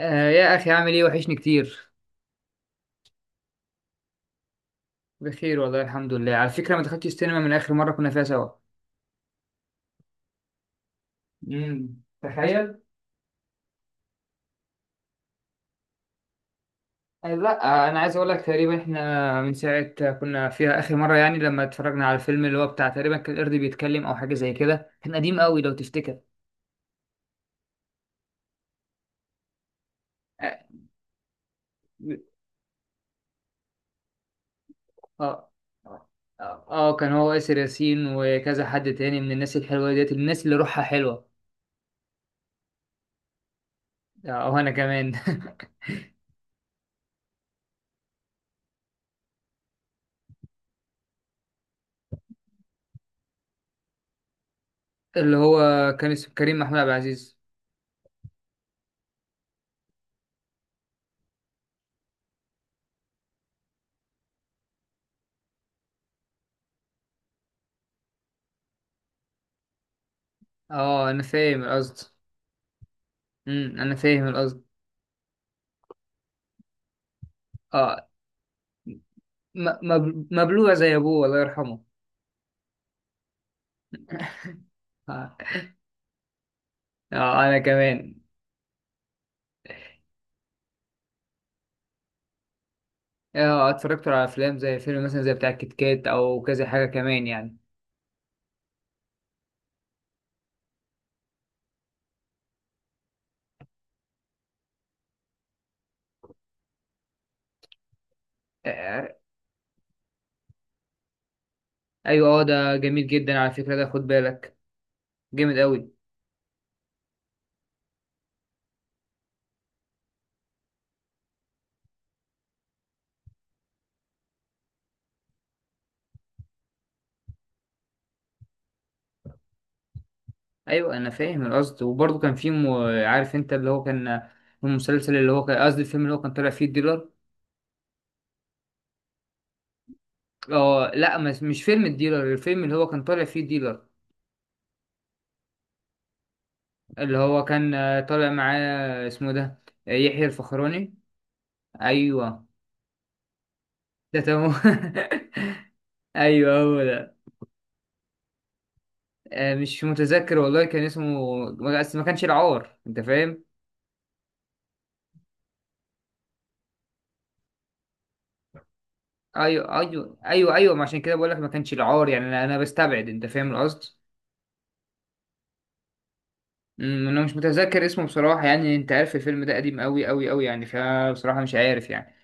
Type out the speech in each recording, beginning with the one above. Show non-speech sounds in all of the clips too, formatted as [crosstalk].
آه، يا اخي، عامل ايه؟ وحشني كتير. بخير والله الحمد لله. على فكره، ما دخلتش السينما من اخر مره كنا فيها سوا. تخيل. آه، لا، انا عايز اقول لك تقريبا احنا من ساعه كنا فيها اخر مره، يعني لما اتفرجنا على الفيلم اللي هو بتاع، تقريبا كان القرد بيتكلم او حاجه زي كده. كان قديم قوي لو تفتكر. اه، اه، كان هو ياسر ياسين وكذا حد تاني من الناس الحلوه ديت، الناس اللي روحها حلوه. آه، وانا كمان. [laughs] اللي هو كان اسمه كريم محمود عبد العزيز. اه، انا فاهم القصد. انا فاهم القصد. اه، مبلوع زي ابوه الله يرحمه. اه، انا كمان. اه، اتفرجت على افلام زي فيلم مثلا زي بتاع الكيت كات او كذا حاجه كمان يعني. آه ايوه، اه، ده جميل جدا. على فكره، ده خد بالك. جامد قوي. ايوه، انا فاهم القصد. وبرضه كان في عارف انت اللي هو كان المسلسل اللي هو كان، قصدي الفيلم اللي هو كان طالع فيه الديلر. اه، لا، مش فيلم الديلر. الفيلم اللي هو كان طالع فيه الديلر اللي هو كان طالع معاه، اسمه ده يحيى الفخراني. ايوه، ده تمام. [laughs] ايوه، هو ده. مش متذكر والله. كان اسمه بس ما كانش العار، انت فاهم. ايوه، ايوه، ايوه، ايوه، ما عشان كده بقول لك ما كانش العار. يعني انا بستبعد، انت فاهم القصد. انا مش متذكر اسمه بصراحه. يعني انت عارف الفيلم ده قديم قوي قوي قوي، يعني فبصراحه مش عارف يعني.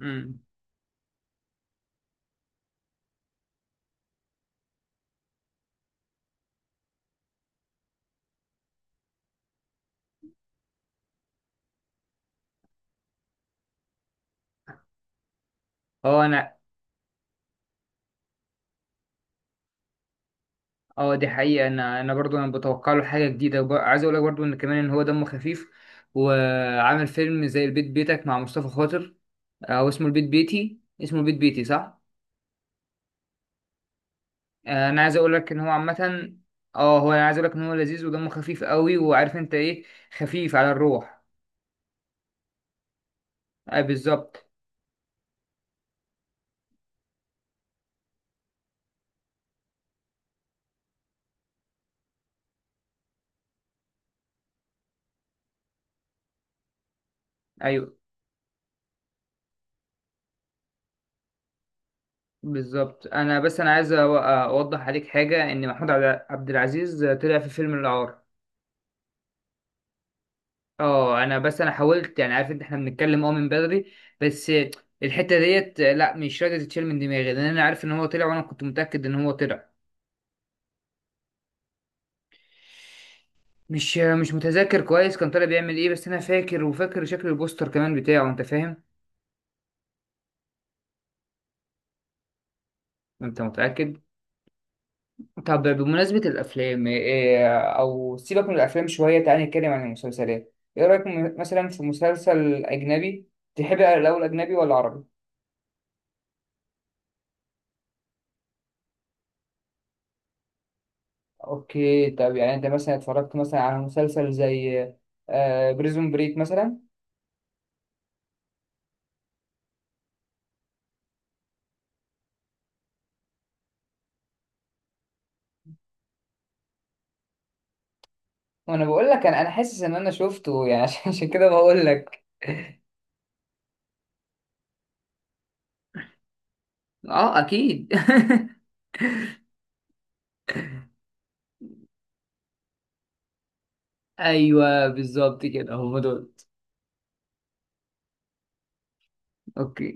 امم اه، انا. اه، دي حقيقه. انا برضو انا بتوقع له حاجه جديده، عايز اقول لك برضو ان كمان ان هو دمه خفيف، وعامل فيلم زي البيت بيتك مع مصطفى خاطر. هو اسمه البيت بيتي، اسمه البيت بيتي صح. انا عايز اقول لك ان هو عامه. اه، هو انا عايز اقول لك ان هو لذيذ ودمه خفيف قوي، وعارف انت ايه؟ خفيف على الروح. آه، بالظبط. ايوه بالظبط. انا بس انا عايز اوضح عليك حاجه ان محمود عبد العزيز طلع في فيلم العار. اه، انا بس انا حاولت يعني، عارف انت احنا بنتكلم اه من بدري، بس الحته ديت لا، مش راضيه تتشال من دماغي لان انا عارف ان هو طلع وانا كنت متاكد ان هو طلع. مش متذكر كويس كان طالع بيعمل ايه، بس انا فاكر وفاكر شكل البوستر كمان بتاعه، انت فاهم. انت متأكد؟ طب، بمناسبة الافلام إيه، او سيبك من الافلام شوية، تعالى نتكلم عن المسلسلات. ايه رأيك مثلا في مسلسل اجنبي؟ تحب الاول اجنبي ولا عربي؟ اوكي، طب يعني انت مثلا اتفرجت مثلا على مسلسل زي بريزون بريك مثلا. وانا بقول لك، انا حاسس ان انا شفته يعني. [laughs] عشان كده بقول لك. اه، اكيد. [laughs] ايوه، بالظبط كده هم دول. اوكي.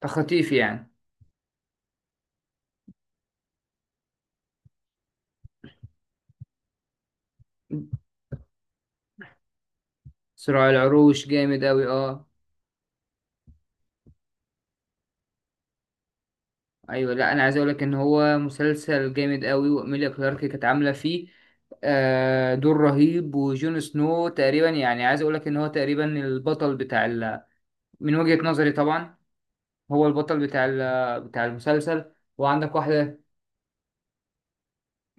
تخطيف يعني. صراع العروش جامد قوي، اه. ايوه، لا، انا عايز اقول لك ان هو مسلسل جامد قوي، واميليا كلارك كانت عامله فيه دور رهيب. وجون سنو تقريبا، يعني عايز اقول لك ان هو تقريبا البطل من وجهة نظري طبعا، هو البطل بتاع المسلسل. وعندك واحده.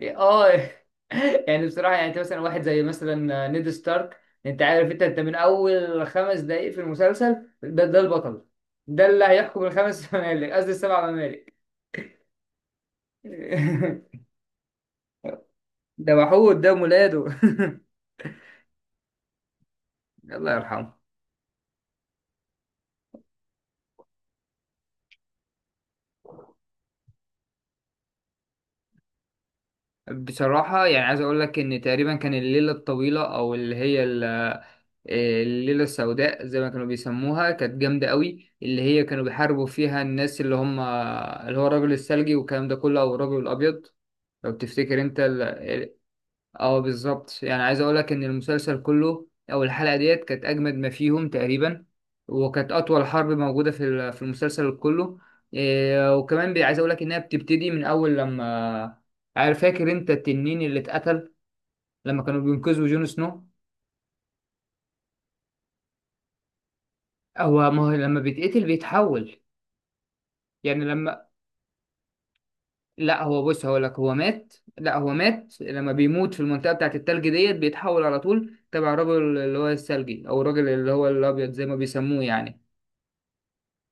اه. [laughs] [laughs] يعني بصراحة، يعني انت مثلا واحد زي مثلا نيد ستارك، انت عارف، انت من اول 5 دقايق في المسلسل ده، ده البطل. ده اللي هيحكم الخمس [laughs] ممالك، قصدي السبع ممالك. [laughs] ده وحود ده مولاده. [laughs] الله يرحمه. بصراحة، يعني عايز اقول لك ان تقريبا كان الليلة الطويلة، او اللي هي الليلة السوداء زي ما كانوا بيسموها، كانت جامدة قوي. اللي هي كانوا بيحاربوا فيها الناس اللي هم اللي هو الرجل الثلجي والكلام ده كله، او الرجل الابيض لو تفتكر انت ال... ال-. اه، بالظبط. يعني عايز اقول لك ان المسلسل كله او الحلقه ديت كانت اجمد ما فيهم تقريبا، وكانت اطول حرب موجوده في المسلسل كله. إيه، وكمان عايز اقول لك انها بتبتدي من اول، لما عارف، فاكر انت التنين اللي اتقتل لما كانوا بينقذوا جون سنو. هو ما هو لما بيتقتل بيتحول. يعني لما، لا، هو بص هقول لك، هو مات. لا، هو مات لما بيموت في المنطقه بتاعت التلج ديت، بيتحول على طول تبع الراجل اللي هو الثلجي او الراجل اللي هو الابيض زي ما بيسموه يعني.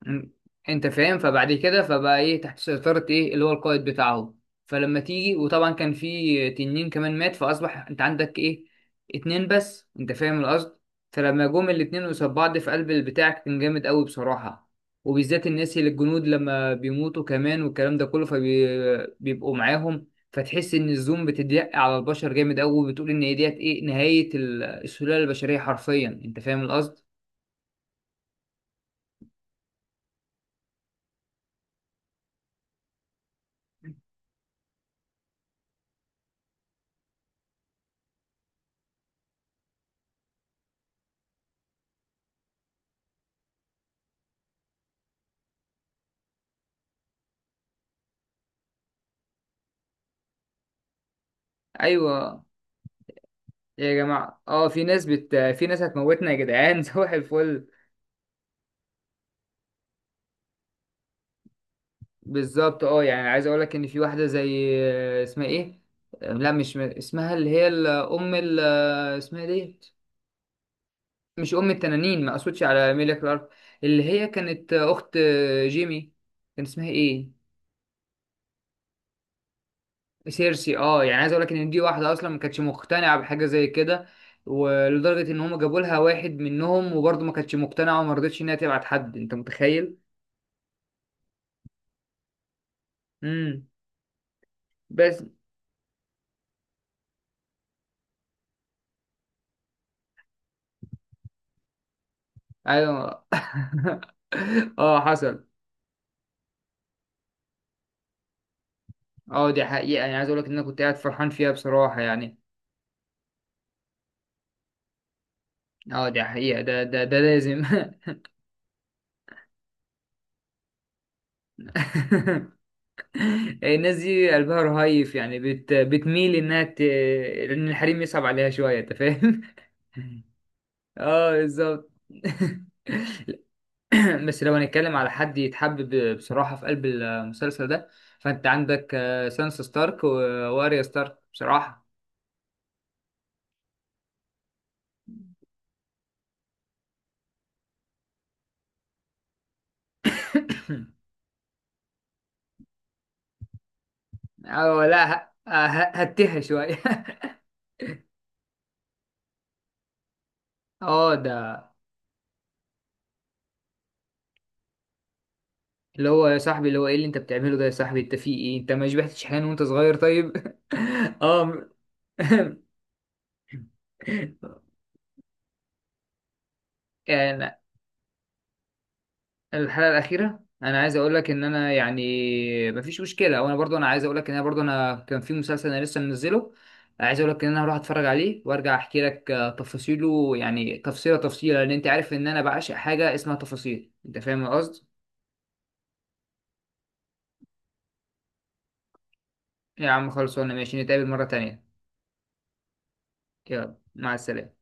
م- انت فاهم. فبعد كده فبقى ايه تحت سيطرة ايه اللي هو القائد بتاعه. فلما تيجي، وطبعا كان في تنين كمان مات، فاصبح انت عندك ايه؟ اتنين بس، انت فاهم القصد. فلما جم الاتنين قصاد بعض في قلب البتاع، كان جامد قوي بصراحة. وبالذات الناس، اللي الجنود لما بيموتوا كمان والكلام ده كله فبيبقوا معاهم، فتحس ان الزوم بتضيق على البشر جامد قوي، وبتقول ان هي ديت ايه، نهاية السلالة البشرية حرفيا، انت فاهم القصد. ايوه، يا جماعة اه، في ناس هتموتنا يا جدعان. [laughs] صباح الفل. بالظبط. اه، يعني عايز اقول لك ان في واحدة زي اسمها ايه؟ لا، مش اسمها، اللي هي ام اسمها إيه ديت؟ مش ام التنانين، ما اقصدش على ميليا كلارك. اللي هي كانت اخت جيمي. كان اسمها ايه؟ سيرسي. اه، يعني عايز اقول لك ان دي واحدة اصلا ما كانتش مقتنعة بحاجة زي كده، ولدرجة ان هم جابوا لها واحد منهم، وبرضه ما كانتش مقتنعة وما رضتش انها تبعت حد، انت متخيل. امم بس، ايوه. [laughs] اه، حصل. اه، دي حقيقة. يعني عايز اقول لك ان انا كنت قاعد فرحان فيها بصراحة يعني. اه، دي حقيقة. ده لازم. [laughs] الناس دي قلبها رهيف، يعني بتميل انها ان الحريم يصعب عليها شوية، انت فاهم. [laughs] اه، بالظبط. [laughs] بس لو هنتكلم على حد يتحبب بصراحة في قلب المسلسل ده، فانت عندك سانسا ستارك واريا ستارك بصراحة. [coughs] اه، لا، هتها شوية. [laughs] اه، ده اللي هو، يا صاحبي، اللي هو ايه اللي انت بتعمله ده، يا صاحبي؟ انت في ايه؟ انت ما شبعتش حنان وانت صغير؟ طيب. [laughs] اه، [laughs] يعني الحلقة الأخيرة، انا عايز اقول لك ان انا يعني مفيش مشكلة، وانا برضو انا عايز اقول لك ان انا برضو، انا كان في مسلسل انا لسه منزله. عايز اقول لك ان انا هروح اتفرج عليه وارجع احكي لك تفاصيله، يعني تفصيلة تفصيلة، لان انت عارف ان انا بعشق حاجة اسمها تفاصيل، انت فاهم القصد. يا عم، خلصانه. ماشي، نتقابل مرة تانية. يلا، مع السلامة.